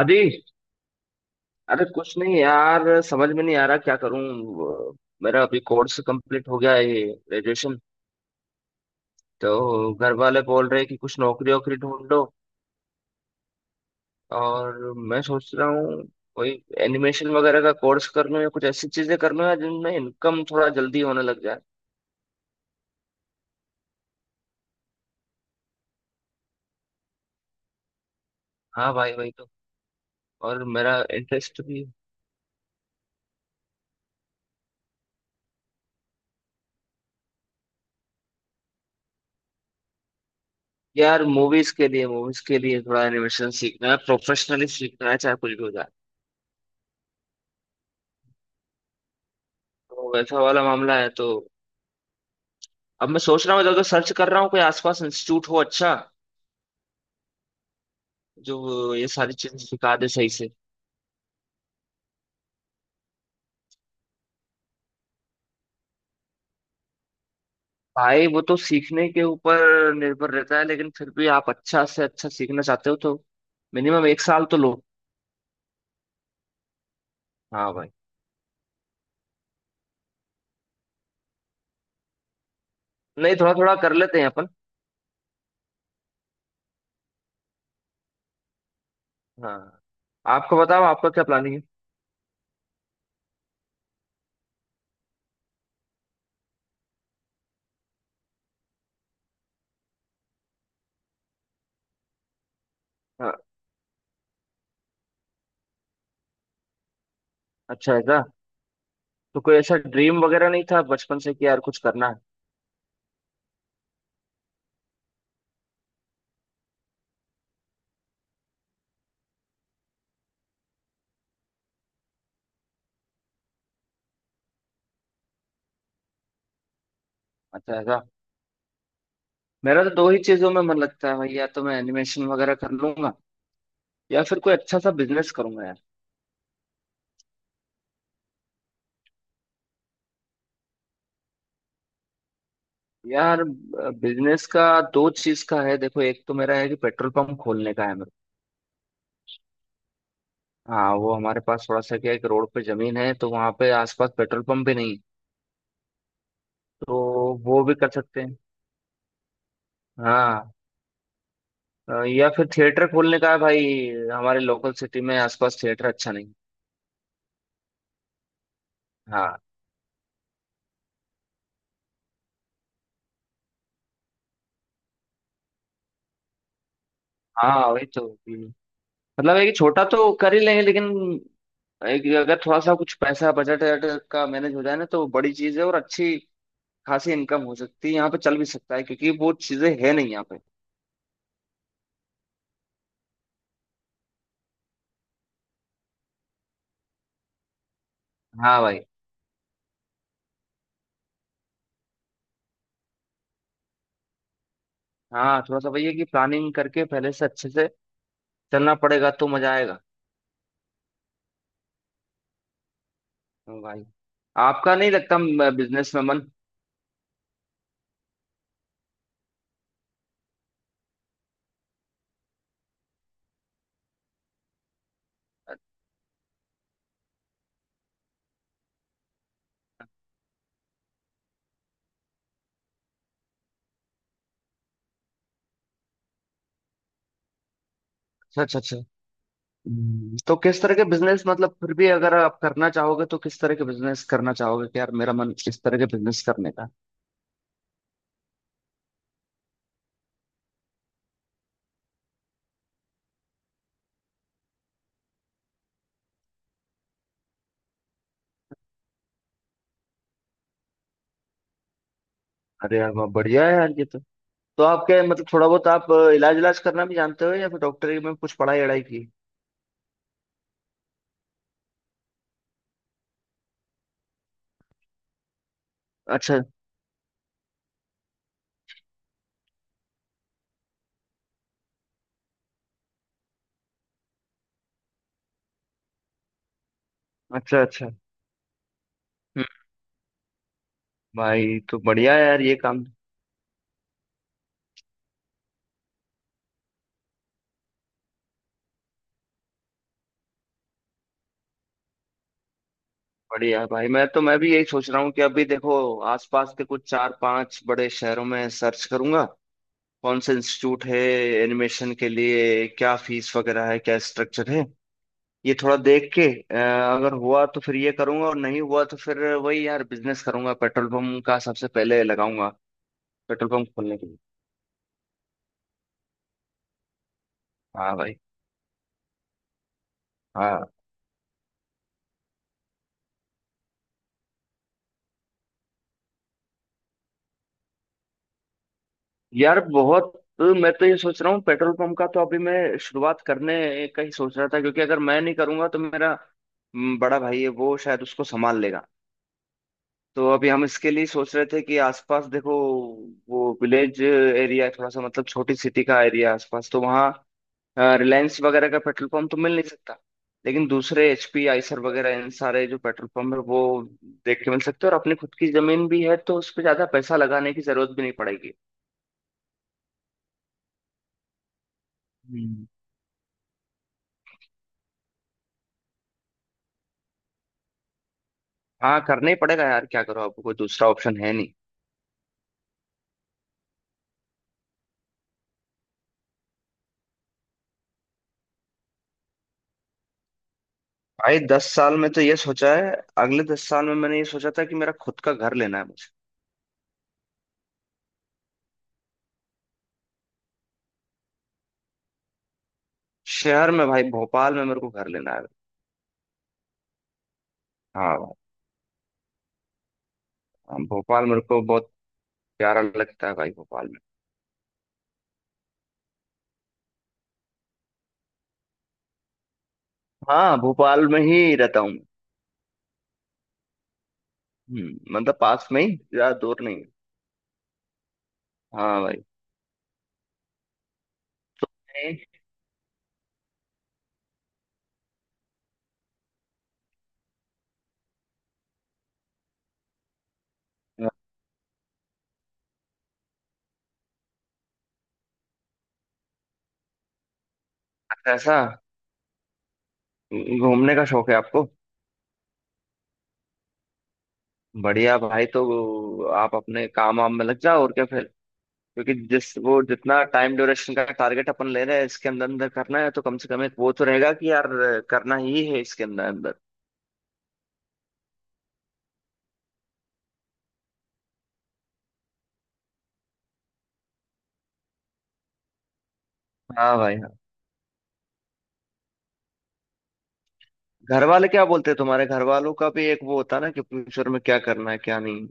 अरे अरे कुछ नहीं यार। समझ में नहीं आ रहा क्या करूं। वो, मेरा अभी कोर्स कंप्लीट हो गया है ये ग्रेजुएशन। तो घर वाले बोल रहे हैं कि कुछ नौकरी वोकरी ढूंढ लो। और मैं सोच रहा हूँ कोई एनिमेशन वगैरह का कोर्स कर लूं या कुछ ऐसी चीजें कर लूं यार जिनमें इनकम थोड़ा जल्दी होने लग जाए। हाँ भाई, वही तो। और मेरा इंटरेस्ट भी। यार मूवीज के लिए थोड़ा एनिमेशन सीखना है, प्रोफेशनली सीखना है, चाहे कुछ भी हो जाए। तो वैसा वाला मामला है तो। अब मैं सोच रहा हूँ, इधर उधर सर्च कर रहा हूँ कोई आसपास इंस्टीट्यूट हो अच्छा जो ये सारी चीजें सिखा दे सही से। भाई वो तो सीखने के ऊपर निर्भर रहता है, लेकिन फिर भी आप अच्छा से अच्छा सीखना चाहते हो तो मिनिमम एक साल तो लो। हाँ भाई। नहीं, थोड़ा थोड़ा कर लेते हैं अपन। हाँ। आपको बताओ, आपका क्या प्लानिंग है? हाँ। अच्छा ऐसा? तो कोई ऐसा ड्रीम वगैरह नहीं था बचपन से कि यार कुछ करना है? अच्छा ऐसा। मेरा तो दो ही चीजों में मन लगता है भाई, या तो मैं एनिमेशन वगैरह कर लूंगा या फिर कोई अच्छा सा बिजनेस करूंगा। यार बिजनेस का दो चीज का है, देखो। एक तो मेरा है कि पेट्रोल पंप खोलने का है मेरा। हाँ, वो हमारे पास थोड़ा सा क्या है कि रोड पे जमीन है, तो वहाँ पे आसपास पेट्रोल पंप भी नहीं, तो वो भी कर सकते हैं। हाँ। या फिर थिएटर खोलने का है भाई। हमारे लोकल सिटी में आसपास थिएटर अच्छा नहीं। हाँ। हाँ वही तो। हम्म। मतलब एक छोटा तो कर ही लेंगे, लेकिन एक अगर थोड़ा सा कुछ पैसा बजट वजट का मैनेज हो जाए ना तो बड़ी चीज है और अच्छी खासी इनकम हो सकती है, यहाँ पे चल भी सकता है क्योंकि वो चीजें है नहीं यहाँ पे। हाँ भाई। हाँ, थोड़ा सा भैया है कि प्लानिंग करके पहले से अच्छे से चलना पड़ेगा तो मजा आएगा। हाँ भाई। आपका नहीं लगता बिजनेस में मन? अच्छा अच्छा अच्छा। तो किस तरह के बिजनेस, मतलब फिर भी अगर आप करना चाहोगे तो किस तरह के बिजनेस करना चाहोगे कि यार मेरा मन इस तरह के बिजनेस करने का? अरे यार वाह, बढ़िया है यार ये तो। तो आप क्या, मतलब थोड़ा बहुत आप इलाज इलाज करना भी जानते हो या फिर डॉक्टरी में कुछ पढ़ाई अड़ाई की? अच्छा अच्छा अच्छा। हम्म, भाई तो बढ़िया है यार ये काम। बढ़िया भाई। मैं तो, मैं भी यही सोच रहा हूँ कि अभी देखो आसपास के कुछ चार पांच बड़े शहरों में सर्च करूंगा, कौन सा इंस्टीट्यूट है एनिमेशन के लिए, क्या फीस वगैरह है, क्या स्ट्रक्चर है, ये थोड़ा देख के अगर हुआ तो फिर ये करूंगा और नहीं हुआ तो फिर वही यार बिजनेस करूंगा, पेट्रोल पंप का सबसे पहले लगाऊंगा, पेट्रोल पंप खोलने के लिए। हाँ भाई। हाँ। यार बहुत। मैं तो ये सोच रहा हूँ पेट्रोल पंप का तो अभी मैं शुरुआत करने का ही सोच रहा था क्योंकि अगर मैं नहीं करूंगा तो मेरा बड़ा भाई है वो शायद उसको संभाल लेगा। तो अभी हम इसके लिए सोच रहे थे कि आसपास देखो, वो विलेज एरिया है थोड़ा सा, मतलब छोटी सिटी का एरिया आसपास, तो वहाँ रिलायंस वगैरह का पेट्रोल पंप तो मिल नहीं सकता, लेकिन दूसरे एचपी आइसर वगैरह इन सारे जो पेट्रोल पंप है वो देख के मिल सकते हैं, और अपनी खुद की जमीन भी है तो उस पर ज्यादा पैसा लगाने की जरूरत भी नहीं पड़ेगी। हाँ, करना ही पड़ेगा यार, क्या करो, आपको कोई दूसरा ऑप्शन है नहीं। भाई 10 साल में तो ये सोचा है। अगले 10 साल में मैंने ये सोचा था कि मेरा खुद का घर लेना है मुझे। शहर में भाई, भोपाल में मेरे को घर लेना है। हाँ भाई। हाँ, भोपाल मेरे को बहुत प्यारा लगता है भाई, भोपाल में। हाँ, भोपाल में ही रहता हूँ मैं। हम्म, मतलब पास में ही, ज्यादा दूर नहीं है। हाँ भाई। तो मैं- ऐसा घूमने का शौक है आपको? बढ़िया भाई। तो आप अपने काम वाम में लग जाओ और क्या, क्योंकि जिस वो जितना टाइम ड्यूरेशन का टारगेट अपन ले रहे हैं इसके अंदर अंदर करना है तो कम से कम एक वो तो रहेगा कि यार करना ही है इसके अंदर अंदर। हाँ भाई। हाँ। घर वाले क्या बोलते हैं तुम्हारे, घर वालों का भी एक वो होता है ना कि फ्यूचर में क्या करना है क्या नहीं?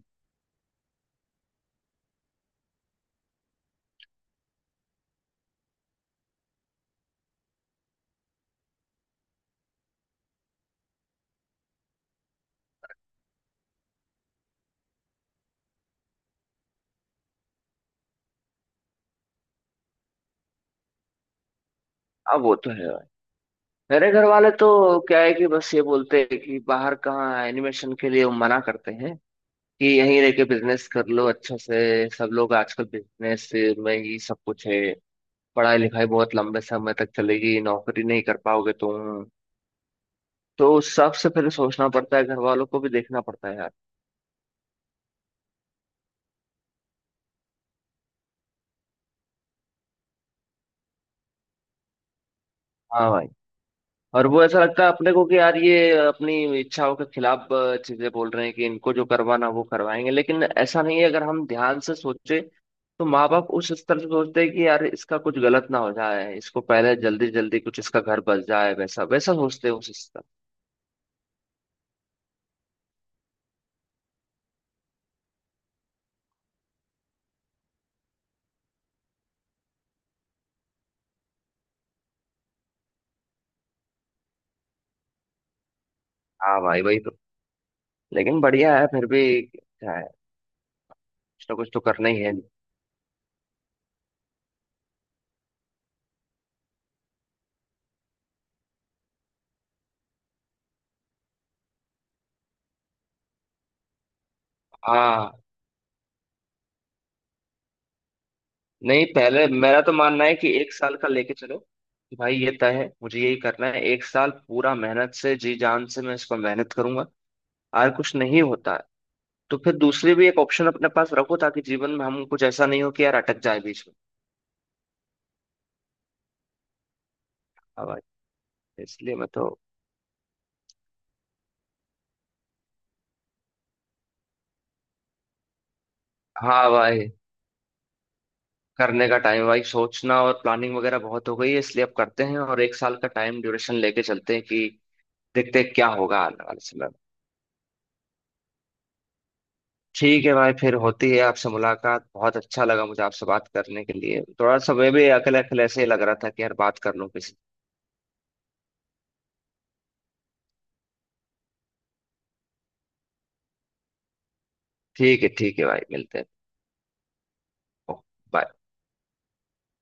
अब वो तो है भाई। मेरे घर वाले तो क्या है कि बस ये बोलते हैं कि बाहर कहाँ एनिमेशन के लिए वो मना करते हैं, कि यहीं रह के बिजनेस कर लो अच्छा से, सब लोग आजकल बिजनेस में ही सब कुछ है, पढ़ाई लिखाई बहुत लंबे समय तक चलेगी, नौकरी नहीं कर पाओगे तुम, तो सबसे पहले सोचना पड़ता है, घर वालों को भी देखना पड़ता है यार। हाँ भाई। और वो ऐसा लगता है अपने को कि यार ये अपनी इच्छाओं के खिलाफ चीजें बोल रहे हैं, कि इनको जो करवाना वो करवाएंगे, लेकिन ऐसा नहीं है। अगर हम ध्यान से सोचे तो माँ बाप उस स्तर से सोचते हैं कि यार इसका कुछ गलत ना हो जाए, इसको पहले जल्दी जल्दी कुछ इसका घर बस जाए, वैसा वैसा सोचते हैं उस स्तर। हाँ भाई वही तो। लेकिन बढ़िया है फिर भी क्या है, कुछ ना कुछ तो करना ही है। हाँ। नहीं, पहले मेरा तो मानना है कि एक साल का लेके चलो कि भाई ये तय है, मुझे यही करना है, एक साल पूरा मेहनत से, जी जान से मैं इसको मेहनत करूंगा, और कुछ नहीं होता है तो फिर दूसरी भी एक ऑप्शन अपने पास रखो, ताकि जीवन में हम कुछ ऐसा नहीं हो कि यार अटक जाए बीच में। हाँ भाई। इसलिए मैं तो। हाँ भाई। करने का टाइम भाई, सोचना और प्लानिंग वगैरह बहुत हो गई है, इसलिए अब करते हैं और एक साल का टाइम ड्यूरेशन लेके चलते हैं कि देखते हैं क्या होगा आने वाले समय में। ठीक है भाई, फिर होती है आपसे मुलाकात, बहुत अच्छा लगा मुझे आपसे बात करने के लिए, थोड़ा सा मैं भी अकेले अकेले ऐसे ही लग रहा था कि यार बात कर लूं किसी। ठीक है भाई, मिलते हैं। ओ, bye।